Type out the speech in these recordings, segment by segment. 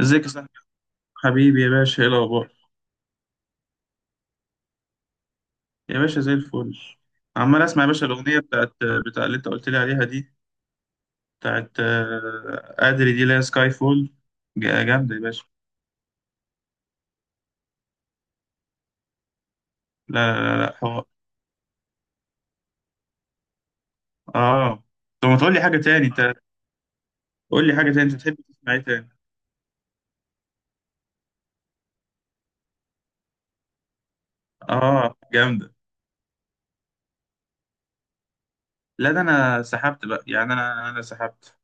ازيك يا صاحبي. حبيبي يا باشا، ايه الاخبار؟ يا باشا، زي الفل. عمال اسمع يا باشا الاغنيه بتاع اللي انت قلت لي عليها دي، بتاعت ادري دي، لا سكاي فول. جامده يا باشا. لا لا لا لا، حوار. اه، طب ما تقول لي حاجه تاني انت؟ قول لي حاجه تاني، انت تحب تسمع ايه تاني؟ اه، جامده. لا، ده انا سحبت بقى، يعني انا سحبت.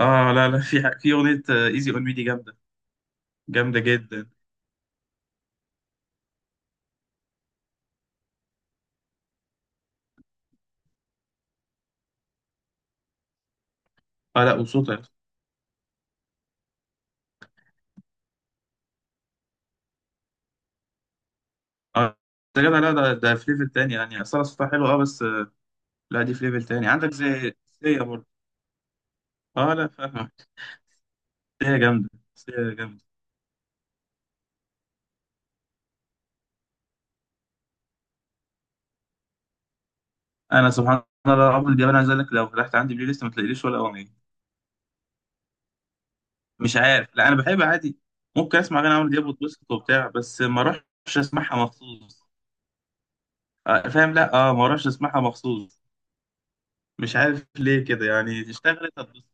اه لا لا، في اغنيه ايزي اون مي دي جامده، جامده جدا. اه لا، وصوتها. اه، ده جدع. لا ده في ليفل تاني، يعني اصلا صوتها حلو اه، بس لا، دي في ليفل تاني، عندك زي سيا برضه. اه لا، فاهمك. سيا جامدة. سيا جامدة. انا سبحان الله، رغم ان دي، انا عايز اقول لك لو فتحت عندي بلاي ليست ما تلاقيليش ولا اغنية. مش عارف، لا انا بحب عادي. ممكن اسمع اغاني عمرو دياب واتبسط وبتاع، بس ما اروحش اسمعها مخصوص. آه فاهم، لا اه، ما اروحش اسمعها مخصوص. مش عارف ليه كده، يعني اشتغلت هتبسط.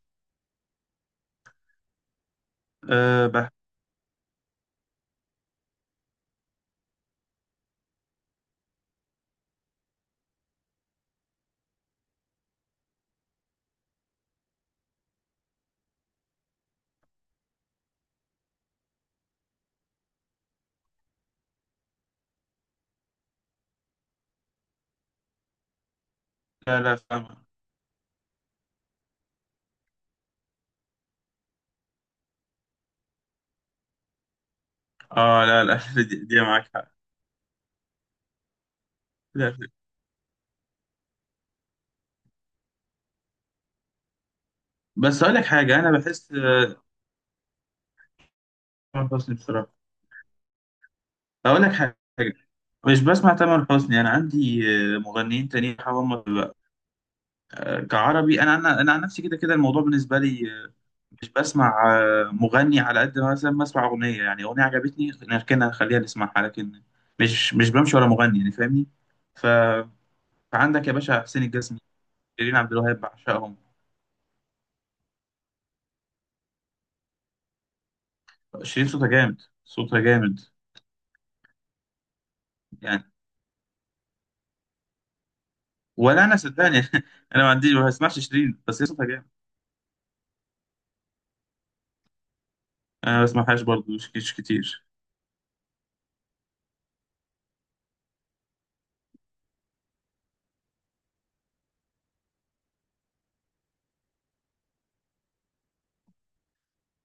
آه بح... لا لا، فاهمك. اه لا لا دي معاك حق. لا بس، اقول لك حاجة، انا بحس تامر حسني بصراحة. اقول لك حاجة، مش بسمع تامر حسني. انا عندي مغنيين تانيين هم بقى. كعربي، انا انا عن نفسي كده كده الموضوع بالنسبه لي مش بسمع مغني. على قد ما مثلا بسمع اغنيه، يعني اغنيه عجبتني، نركنها نخليها نسمعها، لكن مش بمشي ورا مغني، يعني فاهمني. ف- فعندك يا باشا حسين الجسمي، شيرين عبد الوهاب، بعشقهم. شيرين صوتها جامد، صوتها جامد، يعني. ولا انا صدقني انا ما عنديش، ما بسمعش شيرين، بس هي صوتها جامد. انا ما بسمعهاش برضه، مش كتير.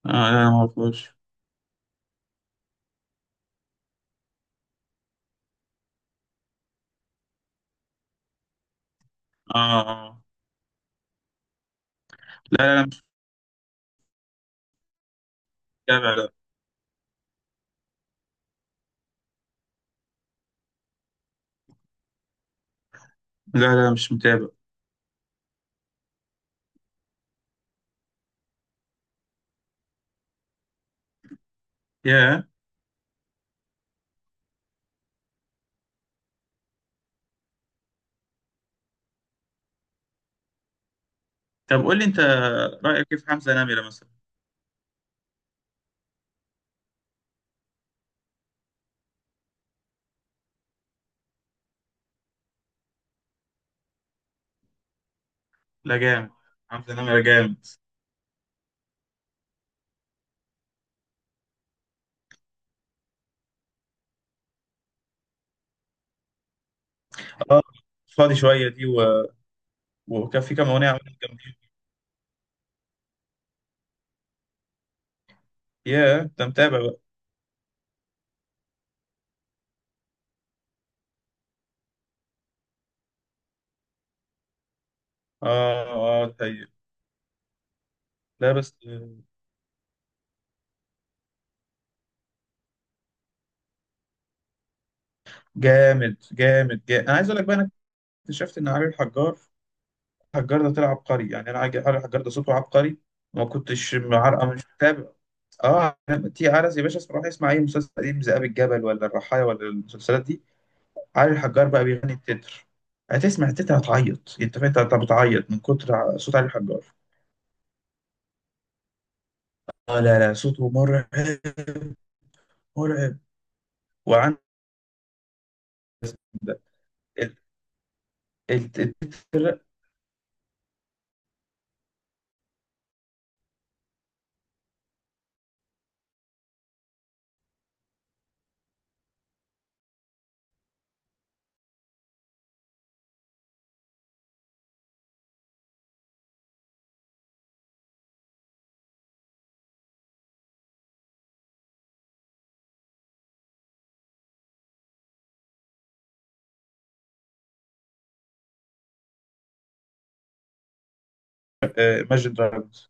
آه لا، انا ما اعرفهاش. اه، آه. لا لا، جامع ده. لا لا، مش متابع. يا، طب قول لي انت، رأيك كيف حمزة نمرة مثلا؟ لا، جامد. حمزة نمرة جامد. اه، فاضي شوية دي و وكان في كام أغنية عملت جامدين. يا، انت متابع بقى؟ اه اه، طيب. لا بس، جامد جامد جامد. انا عايز اقول لك بقى، انا اكتشفت ان علي الحجار، الحجار ده طلع عبقري، يعني انا علي الحجار ده صوته عبقري. ما كنتش معرقه، مش متابع. اه، تي عرس يا باشا، اسمع، روح اسمع اي مسلسل قديم، ذئاب الجبل ولا الرحايا ولا المسلسلات دي، علي الحجار بقى بيغني التتر. هتسمع التتر هتعيط، انت فاهم، انت بتعيط من كتر صوت علي الحجار. اه لا لا، صوته مرعب، مرعب. وعند ال- التتر. ماجد دراجونز.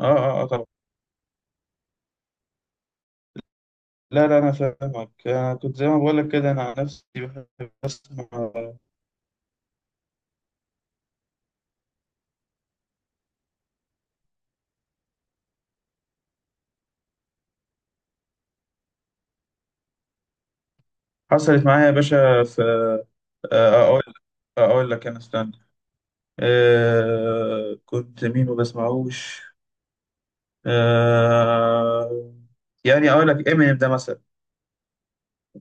اه اه اه، طبعا. لا لا، انا فاهمك. انا كنت زي ما بقول لك كده، انا عن نفسي بحب اسمع. حصلت معايا يا باشا في آه، اقول اقول لك انا، استنى، كنت مين ما بسمعوش. آه، يعني اقول لك امينيم ده مثلا.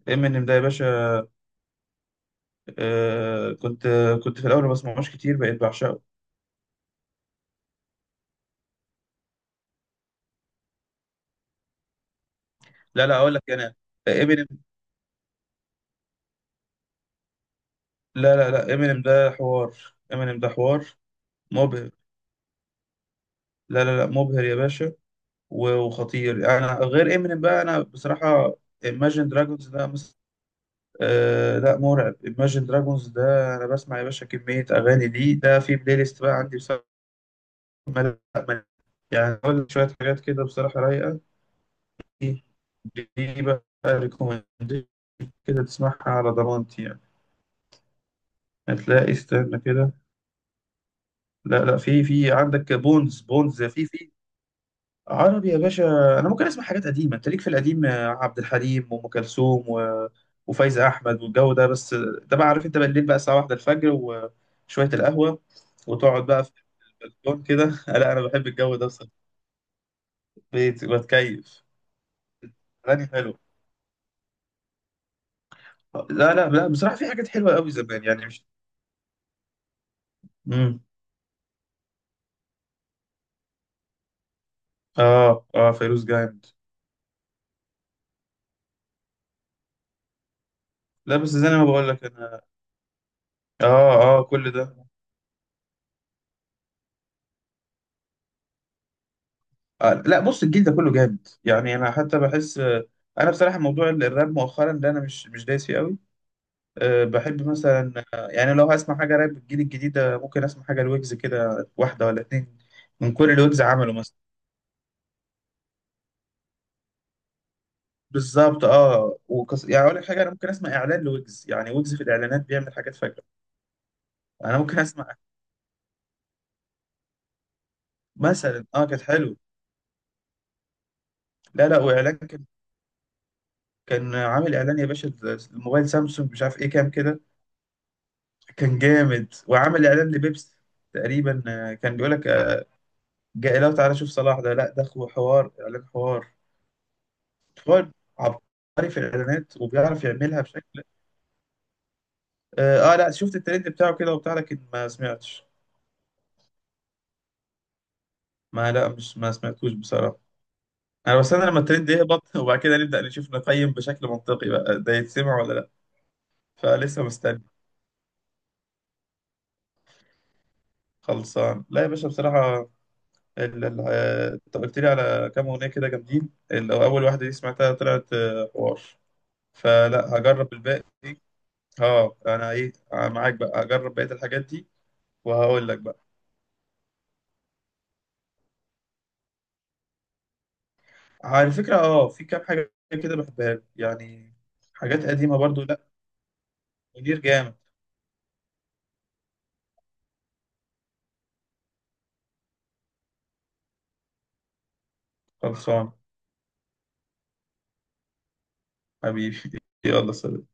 امينيم ده يا باشا، آه كنت كنت في الاول ما بسمعوش كتير، بقيت بعشقه. لا لا، اقول لك انا، امينيم. لا لا لا، امينيم ده حوار. امينيم ده حوار مبهر. لا لا لا، مبهر يا باشا. وخطير. انا غير امينيم بقى، انا بصراحه Imagine Dragons ده آه لا، مرعب. Imagine Dragons ده انا بسمع يا باشا كميه اغاني. دي ده في بلاي ليست بقى عندي بصراحه. ما- يعني أقول لك شويه حاجات كده بصراحه رايقه، دي بقى ريكومنديشن كده، تسمعها على ضمانتي يعني. هتلاقي، استنى كده. لا لا، في عندك بونز، بونز في عربي يا باشا. انا ممكن اسمع حاجات قديمه، انت ليك في القديم عبد الحليم وام كلثوم و وفايزه احمد والجو ده، بس ده بقى عارف انت، بالليل بقى الساعه واحدة الفجر، وشويه القهوه وتقعد بقى في البلكون كده لا انا بحب الجو ده بصراحه، بيت بتكيف، اغاني حلوه. لا لا لا، بصراحه في حاجات حلوه قوي زمان، يعني مش. مم. اه اه، فيروز جامد. لا بس زي ما بقول لك انا. اه اه، كل ده. آه لا، بص، الجيل ده كله جامد، يعني انا حتى بحس انا بصراحه. موضوع الراب مؤخرا ده، انا مش دايس فيه قوي. أه بحب مثلا، يعني لو هسمع حاجه راب الجيل الجديد ده، ممكن اسمع حاجه الويجز كده، واحده ولا اتنين من كل اللي ويجز عمله مثلا. بالظبط. اه، يعني اقول لك حاجه، انا ممكن اسمع اعلان لويجز، يعني ويجز في الاعلانات بيعمل حاجات فجره. انا ممكن اسمع مثلا، اه، كانت حلو. لا لا، واعلان، كان عامل اعلان يا باشا، الموبايل سامسونج مش عارف ايه كام كده، كان جامد. وعامل اعلان لبيبسي تقريبا، كان بيقول لك جاي، لو تعالى شوف صلاح ده، لا ده حوار اعلان، حوار، حوار عبقري في الاعلانات، وبيعرف يعملها بشكل. اه، لا شفت الترند بتاعه كده وبتاع، لكن ما سمعتش. ما، لا مش، ما سمعتوش بصراحة. انا بستنى لما الترند يهبط وبعد كده نبدأ نشوف نقيم بشكل منطقي بقى، ده يتسمع ولا لا. فلسه مستني. خلصان. لا يا باشا بصراحة، انت قلت لي على كام اغنيه كده جامدين، اللي هو اول واحده دي سمعتها، طلعت حوار، فلا، هجرب الباقي. اه انا ايه، معاك بقى، هجرب بقيه الحاجات دي. وهقول لك بقى. على فكره، اه في كام حاجه كده بحبها له، يعني حاجات قديمه برضو. لا، منير جامد. خلصان. حبيبي يلا سلام.